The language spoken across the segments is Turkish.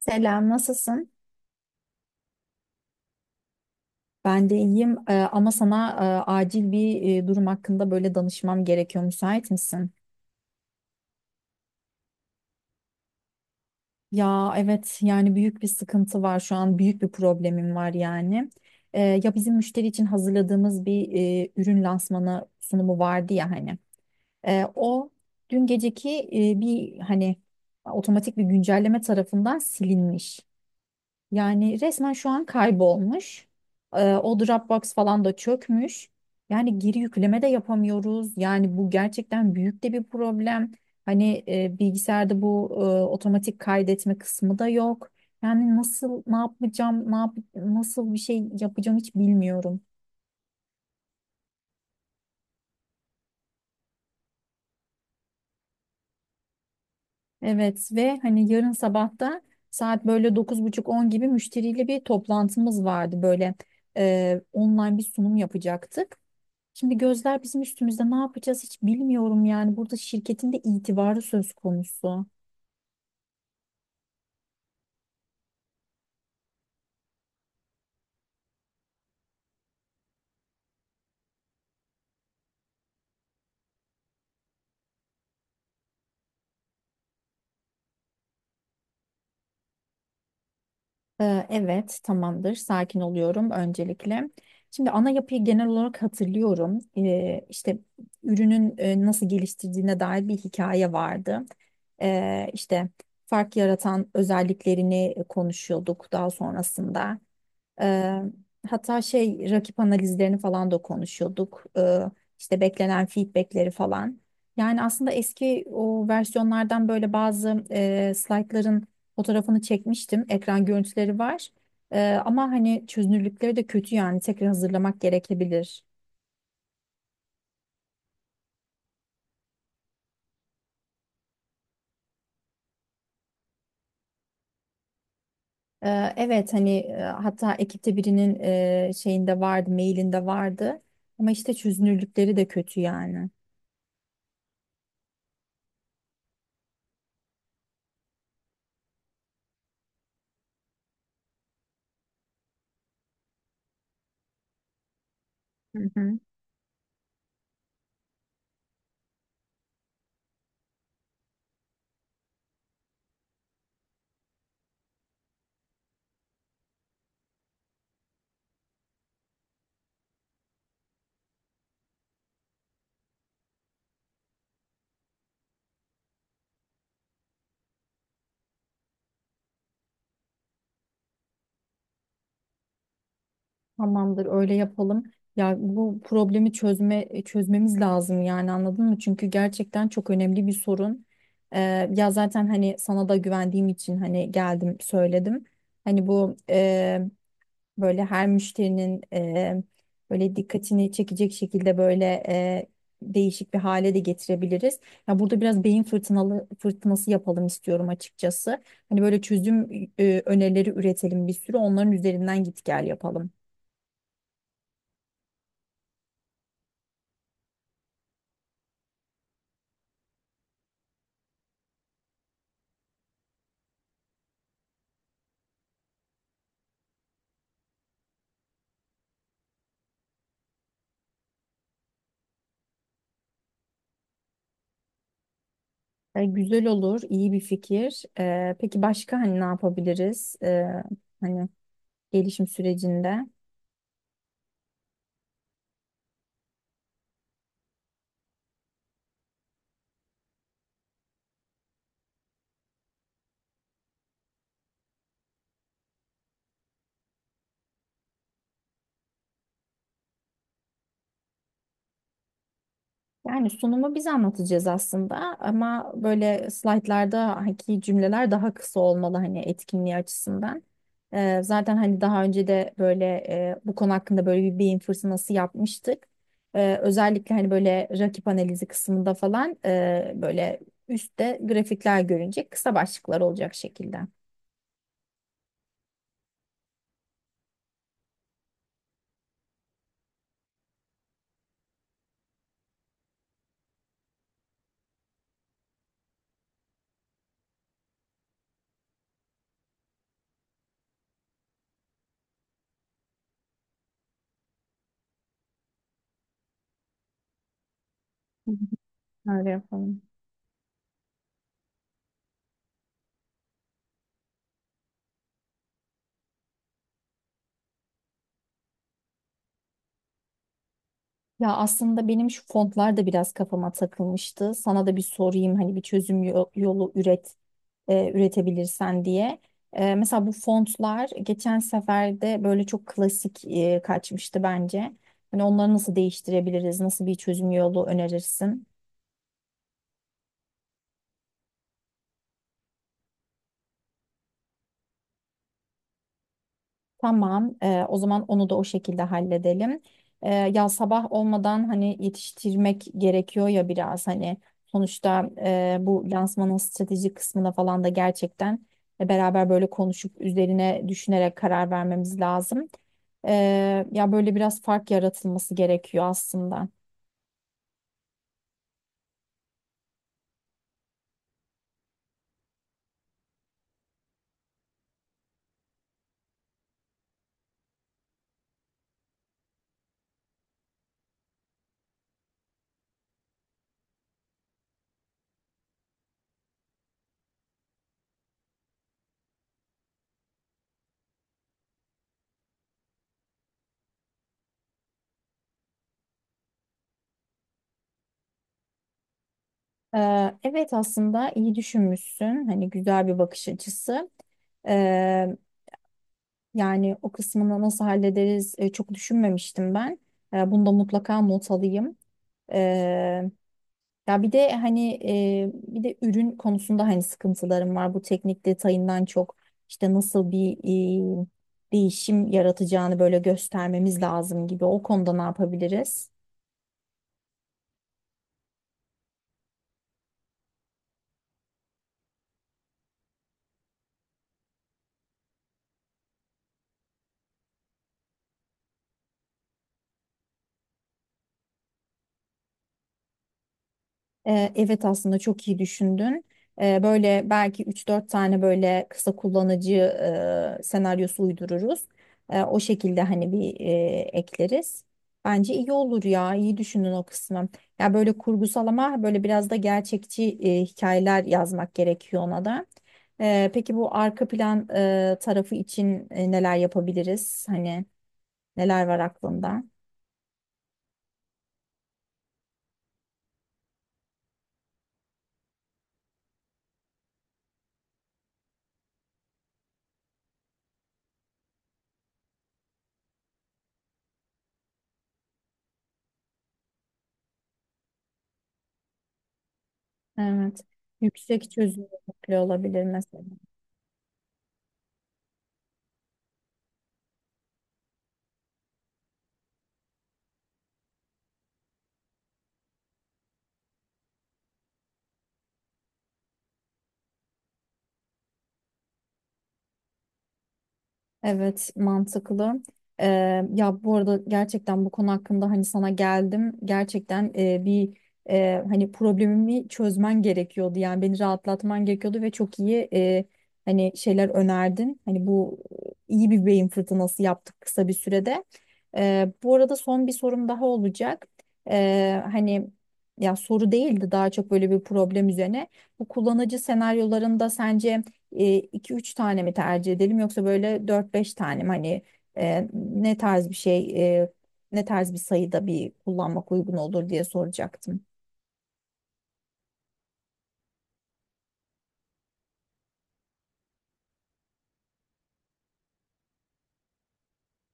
Selam, nasılsın? Ben de iyiyim. Ama sana acil bir durum hakkında böyle danışmam gerekiyor. Müsait misin? Ya evet yani büyük bir sıkıntı var şu an büyük bir problemim var yani. Ya bizim müşteri için hazırladığımız bir ürün lansmanı sunumu vardı ya hani. O dün geceki bir hani otomatik bir güncelleme tarafından silinmiş. Yani resmen şu an kaybolmuş. O Dropbox falan da çökmüş. Yani geri yükleme de yapamıyoruz. Yani bu gerçekten büyük de bir problem. Hani bilgisayarda bu otomatik kaydetme kısmı da yok. Yani nasıl ne yapacağım, ne yap nasıl bir şey yapacağım hiç bilmiyorum. Evet ve hani yarın sabah da saat böyle dokuz buçuk on gibi müşteriyle bir toplantımız vardı. Böyle online bir sunum yapacaktık. Şimdi gözler bizim üstümüzde ne yapacağız hiç bilmiyorum yani. Burada şirketin de itibarı söz konusu. Evet tamamdır sakin oluyorum öncelikle. Şimdi ana yapıyı genel olarak hatırlıyorum. İşte ürünün nasıl geliştirdiğine dair bir hikaye vardı. İşte fark yaratan özelliklerini konuşuyorduk daha sonrasında. Eee, Hatta şey rakip analizlerini falan da konuşuyorduk. İşte beklenen feedbackleri falan. Yani aslında eski o versiyonlardan böyle bazı slaytların fotoğrafını çekmiştim. Ekran görüntüleri var. Ama hani çözünürlükleri de kötü yani tekrar hazırlamak gerekebilir. Evet hani hatta ekipte birinin şeyinde vardı, mailinde vardı. Ama işte çözünürlükleri de kötü yani. Hı hı. Tamamdır, öyle yapalım. Ya bu problemi çözmemiz lazım yani anladın mı? Çünkü gerçekten çok önemli bir sorun. Ee, Ya zaten hani sana da güvendiğim için hani geldim söyledim. Hani bu böyle her müşterinin böyle dikkatini çekecek şekilde böyle değişik bir hale de getirebiliriz. Ya burada biraz beyin fırtınası yapalım istiyorum açıkçası. Hani böyle çözüm önerileri üretelim bir sürü onların üzerinden git gel yapalım. Güzel olur, iyi bir fikir. Peki başka hani ne yapabiliriz? Hani gelişim sürecinde. Yani sunumu biz anlatacağız aslında ama böyle slaytlardaki cümleler daha kısa olmalı hani etkinliği açısından. Zaten hani daha önce de böyle bu konu hakkında böyle bir beyin fırtınası yapmıştık. Özellikle hani böyle rakip analizi kısmında falan böyle üstte grafikler görünecek kısa başlıklar olacak şekilde. Hı hı, öyle yapalım. Ya aslında benim şu fontlar da biraz kafama takılmıştı. Sana da bir sorayım hani bir çözüm yolu üretebilirsen diye. Mesela bu fontlar geçen sefer de böyle çok klasik kaçmıştı bence. Hani onları nasıl değiştirebiliriz? Nasıl bir çözüm yolu önerirsin? Tamam, o zaman onu da o şekilde halledelim. Ya sabah olmadan hani yetiştirmek gerekiyor ya biraz hani sonuçta bu lansmanın strateji kısmına falan da gerçekten beraber böyle konuşup üzerine düşünerek karar vermemiz lazım. E, Ya böyle biraz fark yaratılması gerekiyor aslında. Evet aslında iyi düşünmüşsün. Hani güzel bir bakış açısı. Ee, Yani o kısmını nasıl hallederiz çok düşünmemiştim ben. Bunu da mutlaka not alayım. Ee, Ya bir de hani e, bir de ürün konusunda hani sıkıntılarım var. Bu teknik detayından çok işte nasıl bir e, değişim yaratacağını böyle göstermemiz lazım gibi. O konuda ne yapabiliriz? Evet aslında çok iyi düşündün. Böyle belki üç dört tane böyle kısa kullanıcı senaryosu uydururuz. O şekilde hani bir ekleriz. Bence iyi olur ya. İyi düşündün o kısmı. Ya böyle kurgusal ama böyle biraz da gerçekçi hikayeler yazmak gerekiyor ona da. Peki bu arka plan tarafı için neler yapabiliriz? Hani neler var aklında? Evet. Yüksek çözünürlüklü olabilir mesela. Evet, mantıklı. Ee, Ya bu arada gerçekten bu konu hakkında hani sana geldim. Gerçekten bir hani problemimi çözmen gerekiyordu. Yani beni rahatlatman gerekiyordu ve çok iyi hani şeyler önerdin. Hani bu iyi bir beyin fırtınası yaptık kısa bir sürede. Bu arada son bir sorum daha olacak. Hani ya soru değildi daha çok böyle bir problem üzerine. Bu kullanıcı senaryolarında sence 2 üç tane mi tercih edelim yoksa böyle dört beş tane mi? Hani ne tarz bir şey, e, ne tarz bir sayıda bir kullanmak uygun olur diye soracaktım.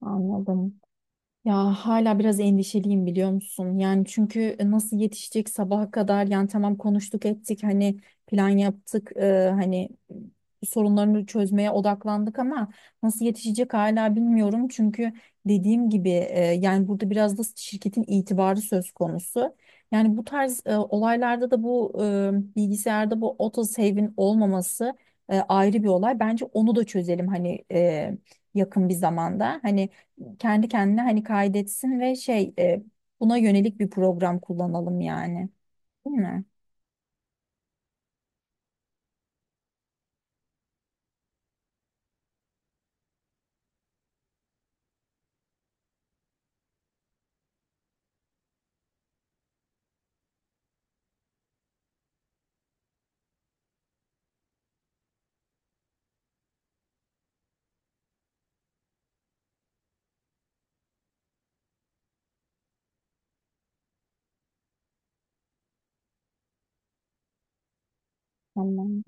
Anladım. Ya hala biraz endişeliyim biliyor musun? Yani çünkü nasıl yetişecek sabaha kadar yani tamam konuştuk ettik hani plan yaptık hani sorunlarını çözmeye odaklandık ama nasıl yetişecek hala bilmiyorum. Çünkü dediğim gibi yani burada biraz da şirketin itibarı söz konusu. Yani bu tarz olaylarda da bu bilgisayarda bu autosave'in olmaması ayrı bir olay. Bence onu da çözelim hani yakın bir zamanda. Hani kendi kendine hani kaydetsin ve şey buna yönelik bir program kullanalım yani. Değil mi? Tamam.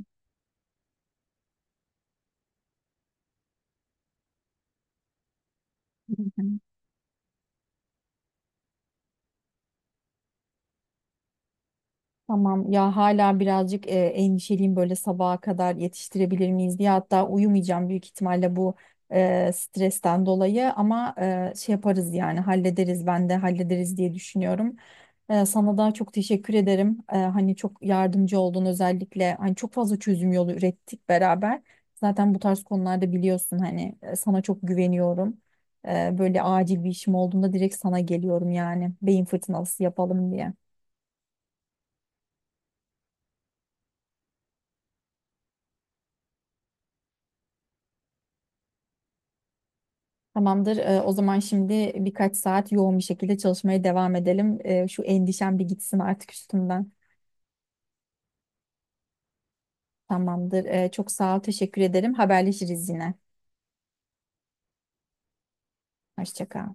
Tamam ya hala birazcık endişeliyim böyle sabaha kadar yetiştirebilir miyiz diye hatta uyumayacağım büyük ihtimalle bu stresten dolayı ama şey yaparız yani hallederiz ben de hallederiz diye düşünüyorum. Sana da çok teşekkür ederim. Hani çok yardımcı oldun özellikle hani çok fazla çözüm yolu ürettik beraber. Zaten bu tarz konularda biliyorsun hani sana çok güveniyorum. Böyle acil bir işim olduğunda direkt sana geliyorum yani beyin fırtınası yapalım diye. Tamamdır. O zaman şimdi birkaç saat yoğun bir şekilde çalışmaya devam edelim. Şu endişem bir gitsin artık üstümden. Tamamdır. Çok sağ ol, teşekkür ederim. Haberleşiriz yine. Hoşça kal.